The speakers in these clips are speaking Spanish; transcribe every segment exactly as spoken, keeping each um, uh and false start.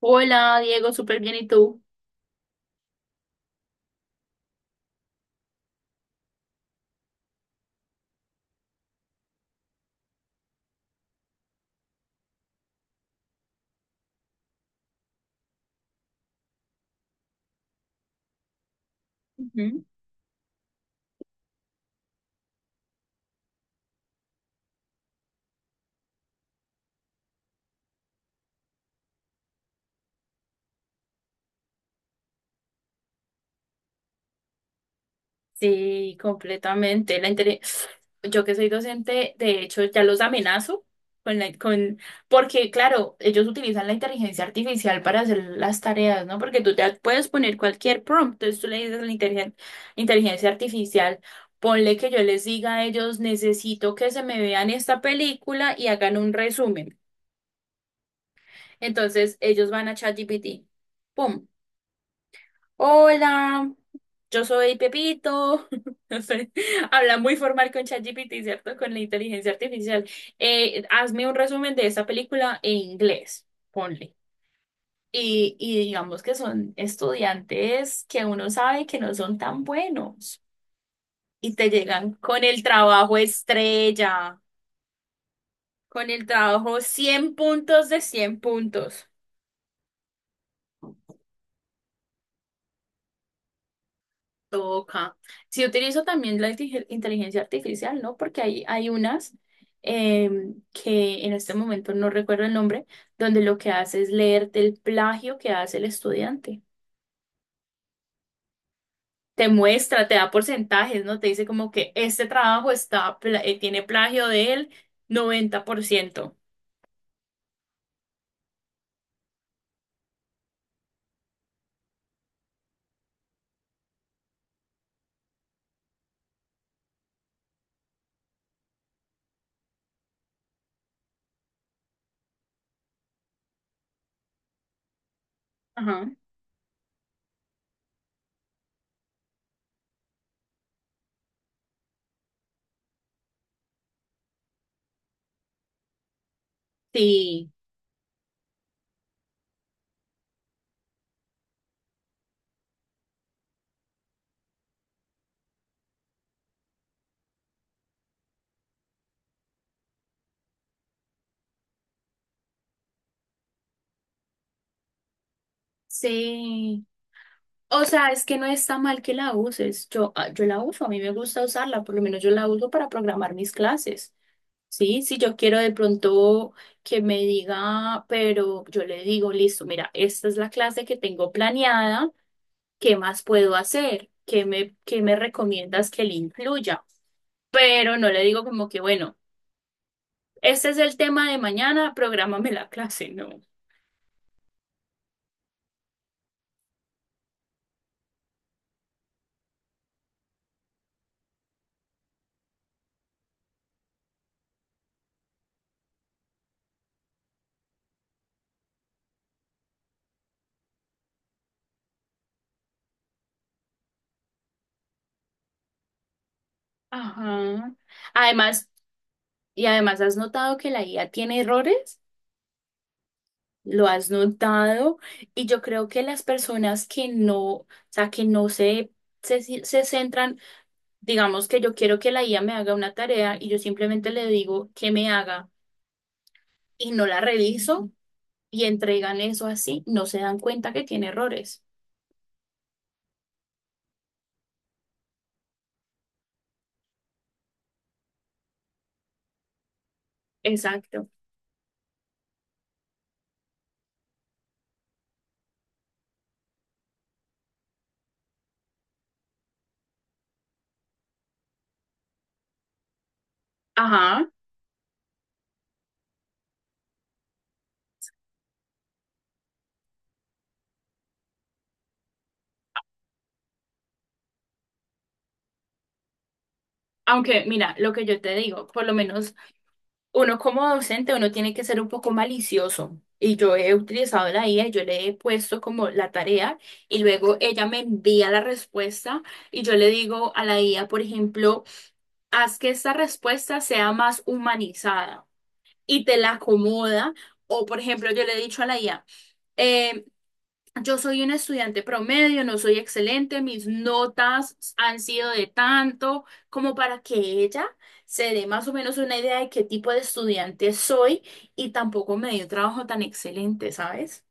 Hola, Diego, súper bien, ¿y tú? Ujú. Sí, completamente. La intele- Yo que soy docente, de hecho, ya los amenazo con la- con... porque, claro, ellos utilizan la inteligencia artificial para hacer las tareas, ¿no? Porque tú te puedes poner cualquier prompt, entonces tú le dices a la inteligen- inteligencia artificial, ponle que yo les diga a ellos, necesito que se me vean esta película y hagan un resumen. Entonces, ellos van a ChatGPT. ¡Pum! Hola, yo soy Pepito. No sé, habla muy formal con ChatGPT, ¿cierto? Con la inteligencia artificial. Eh, hazme un resumen de esta película en inglés, ponle. Y, y digamos que son estudiantes que uno sabe que no son tan buenos y te llegan con el trabajo estrella, con el trabajo cien puntos de cien puntos. Toca. Si utilizo también la inteligen- inteligencia artificial, ¿no? Porque hay, hay unas em, que en este momento no recuerdo el nombre, donde lo que hace es leerte el plagio que hace el estudiante. Te muestra, te da porcentajes, ¿no? Te dice como que este trabajo está, pla- eh, tiene plagio del noventa por ciento. Ajá. Sí, sí. O sea, es que no está mal que la uses. Yo, ah, yo la uso, a mí me gusta usarla, por lo menos yo la uso para programar mis clases. Sí, si yo quiero de pronto que me diga, pero yo le digo, listo, mira, esta es la clase que tengo planeada, ¿qué más puedo hacer? ¿Qué me, qué me recomiendas que le incluya? Pero no le digo como que, bueno, este es el tema de mañana, prográmame la clase, no. Ajá. Además, y además, ¿has notado que la I A tiene errores? Lo has notado y yo creo que las personas que no, o sea, que no se se, se centran. Digamos que yo quiero que la I A me haga una tarea y yo simplemente le digo que me haga y no la reviso y entregan eso así, no se dan cuenta que tiene errores. Exacto. Ajá. Aunque mira, lo que yo te digo, por lo menos uno como docente, uno tiene que ser un poco malicioso. Y yo he utilizado la I A, y yo le he puesto como la tarea y luego ella me envía la respuesta y yo le digo a la I A, por ejemplo, haz que esta respuesta sea más humanizada, y te la acomoda. O, por ejemplo, yo le he dicho a la I A, eh, yo soy un estudiante promedio, no soy excelente, mis notas han sido de tanto, como para que ella se dé más o menos una idea de qué tipo de estudiante soy y tampoco me dio un trabajo tan excelente, ¿sabes?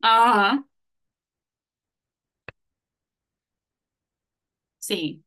Ajá, sí.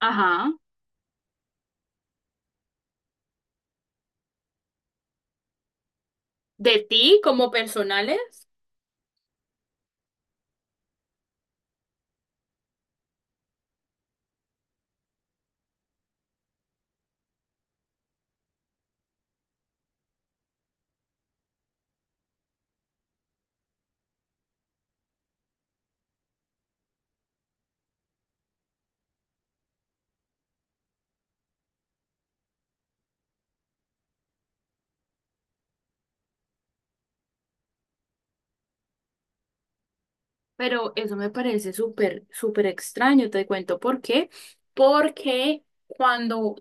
Ajá. ¿De ti como personales? Pero eso me parece súper, súper extraño, te cuento por qué. Porque cuando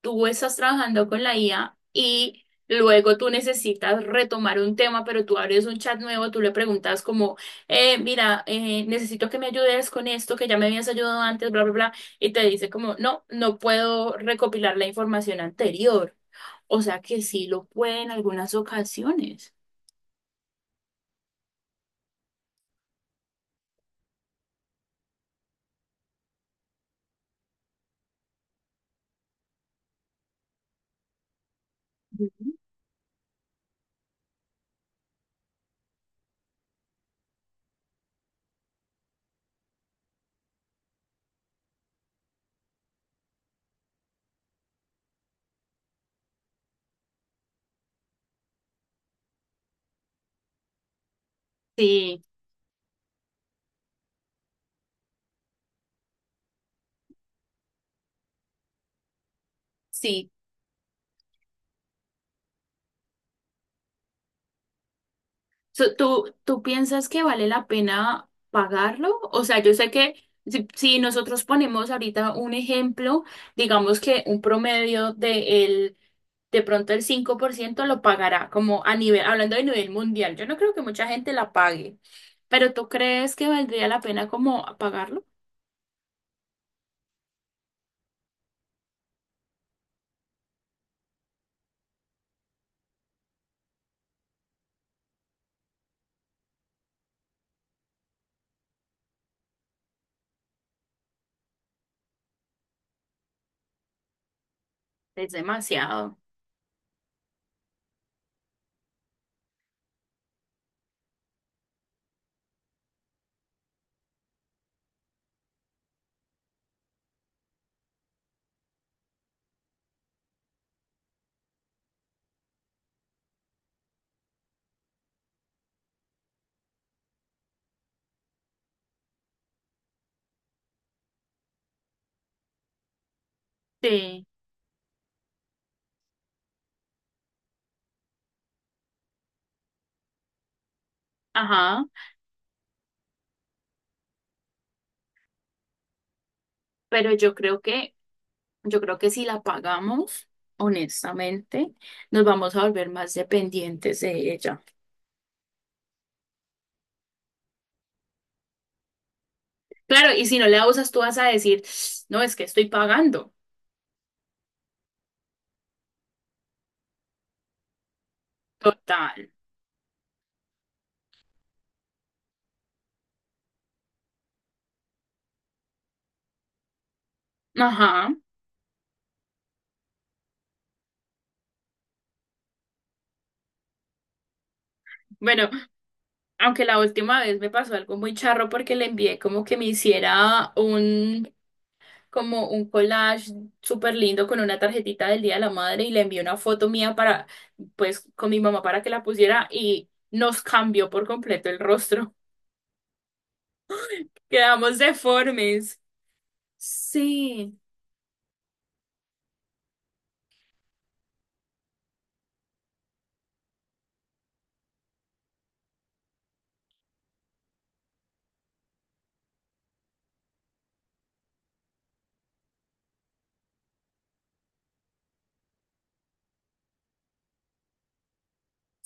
tú estás trabajando con la I A y luego tú necesitas retomar un tema, pero tú abres un chat nuevo, tú le preguntas como, eh, mira, eh, necesito que me ayudes con esto, que ya me habías ayudado antes, bla, bla, bla, y te dice como, no, no puedo recopilar la información anterior. O sea que sí lo puede en algunas ocasiones. Ujú. Sí. Sí. So, ¿Tú, tú piensas que vale la pena pagarlo? O sea, yo sé que si, si nosotros ponemos ahorita un ejemplo, digamos que un promedio de el, de pronto el cinco por ciento lo pagará, como a nivel, hablando de nivel mundial. Yo no creo que mucha gente la pague, pero ¿tú crees que valdría la pena como pagarlo? Es demasiado. Sí, ajá, pero yo creo que, yo creo que si la pagamos, honestamente, nos vamos a volver más dependientes de ella. Claro, y si no la usas, tú vas a decir, no, es que estoy pagando. Total. Ajá. Bueno, aunque la última vez me pasó algo muy charro porque le envié como que me hiciera un, como un collage súper lindo con una tarjetita del Día de la Madre y le envié una foto mía para, pues, con mi mamá para que la pusiera y nos cambió por completo el rostro. Quedamos deformes. Sí.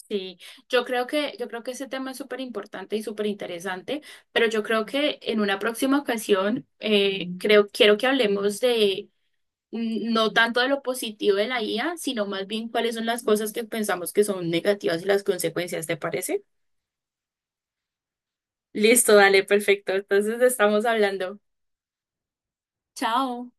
Sí, yo creo que, yo creo que ese tema es súper importante y súper interesante, pero yo creo que en una próxima ocasión, eh, creo, quiero que hablemos de mm, no tanto de lo positivo de la I A, sino más bien cuáles son las cosas que pensamos que son negativas y las consecuencias, ¿te parece? Listo, dale, perfecto. Entonces estamos hablando. Chao.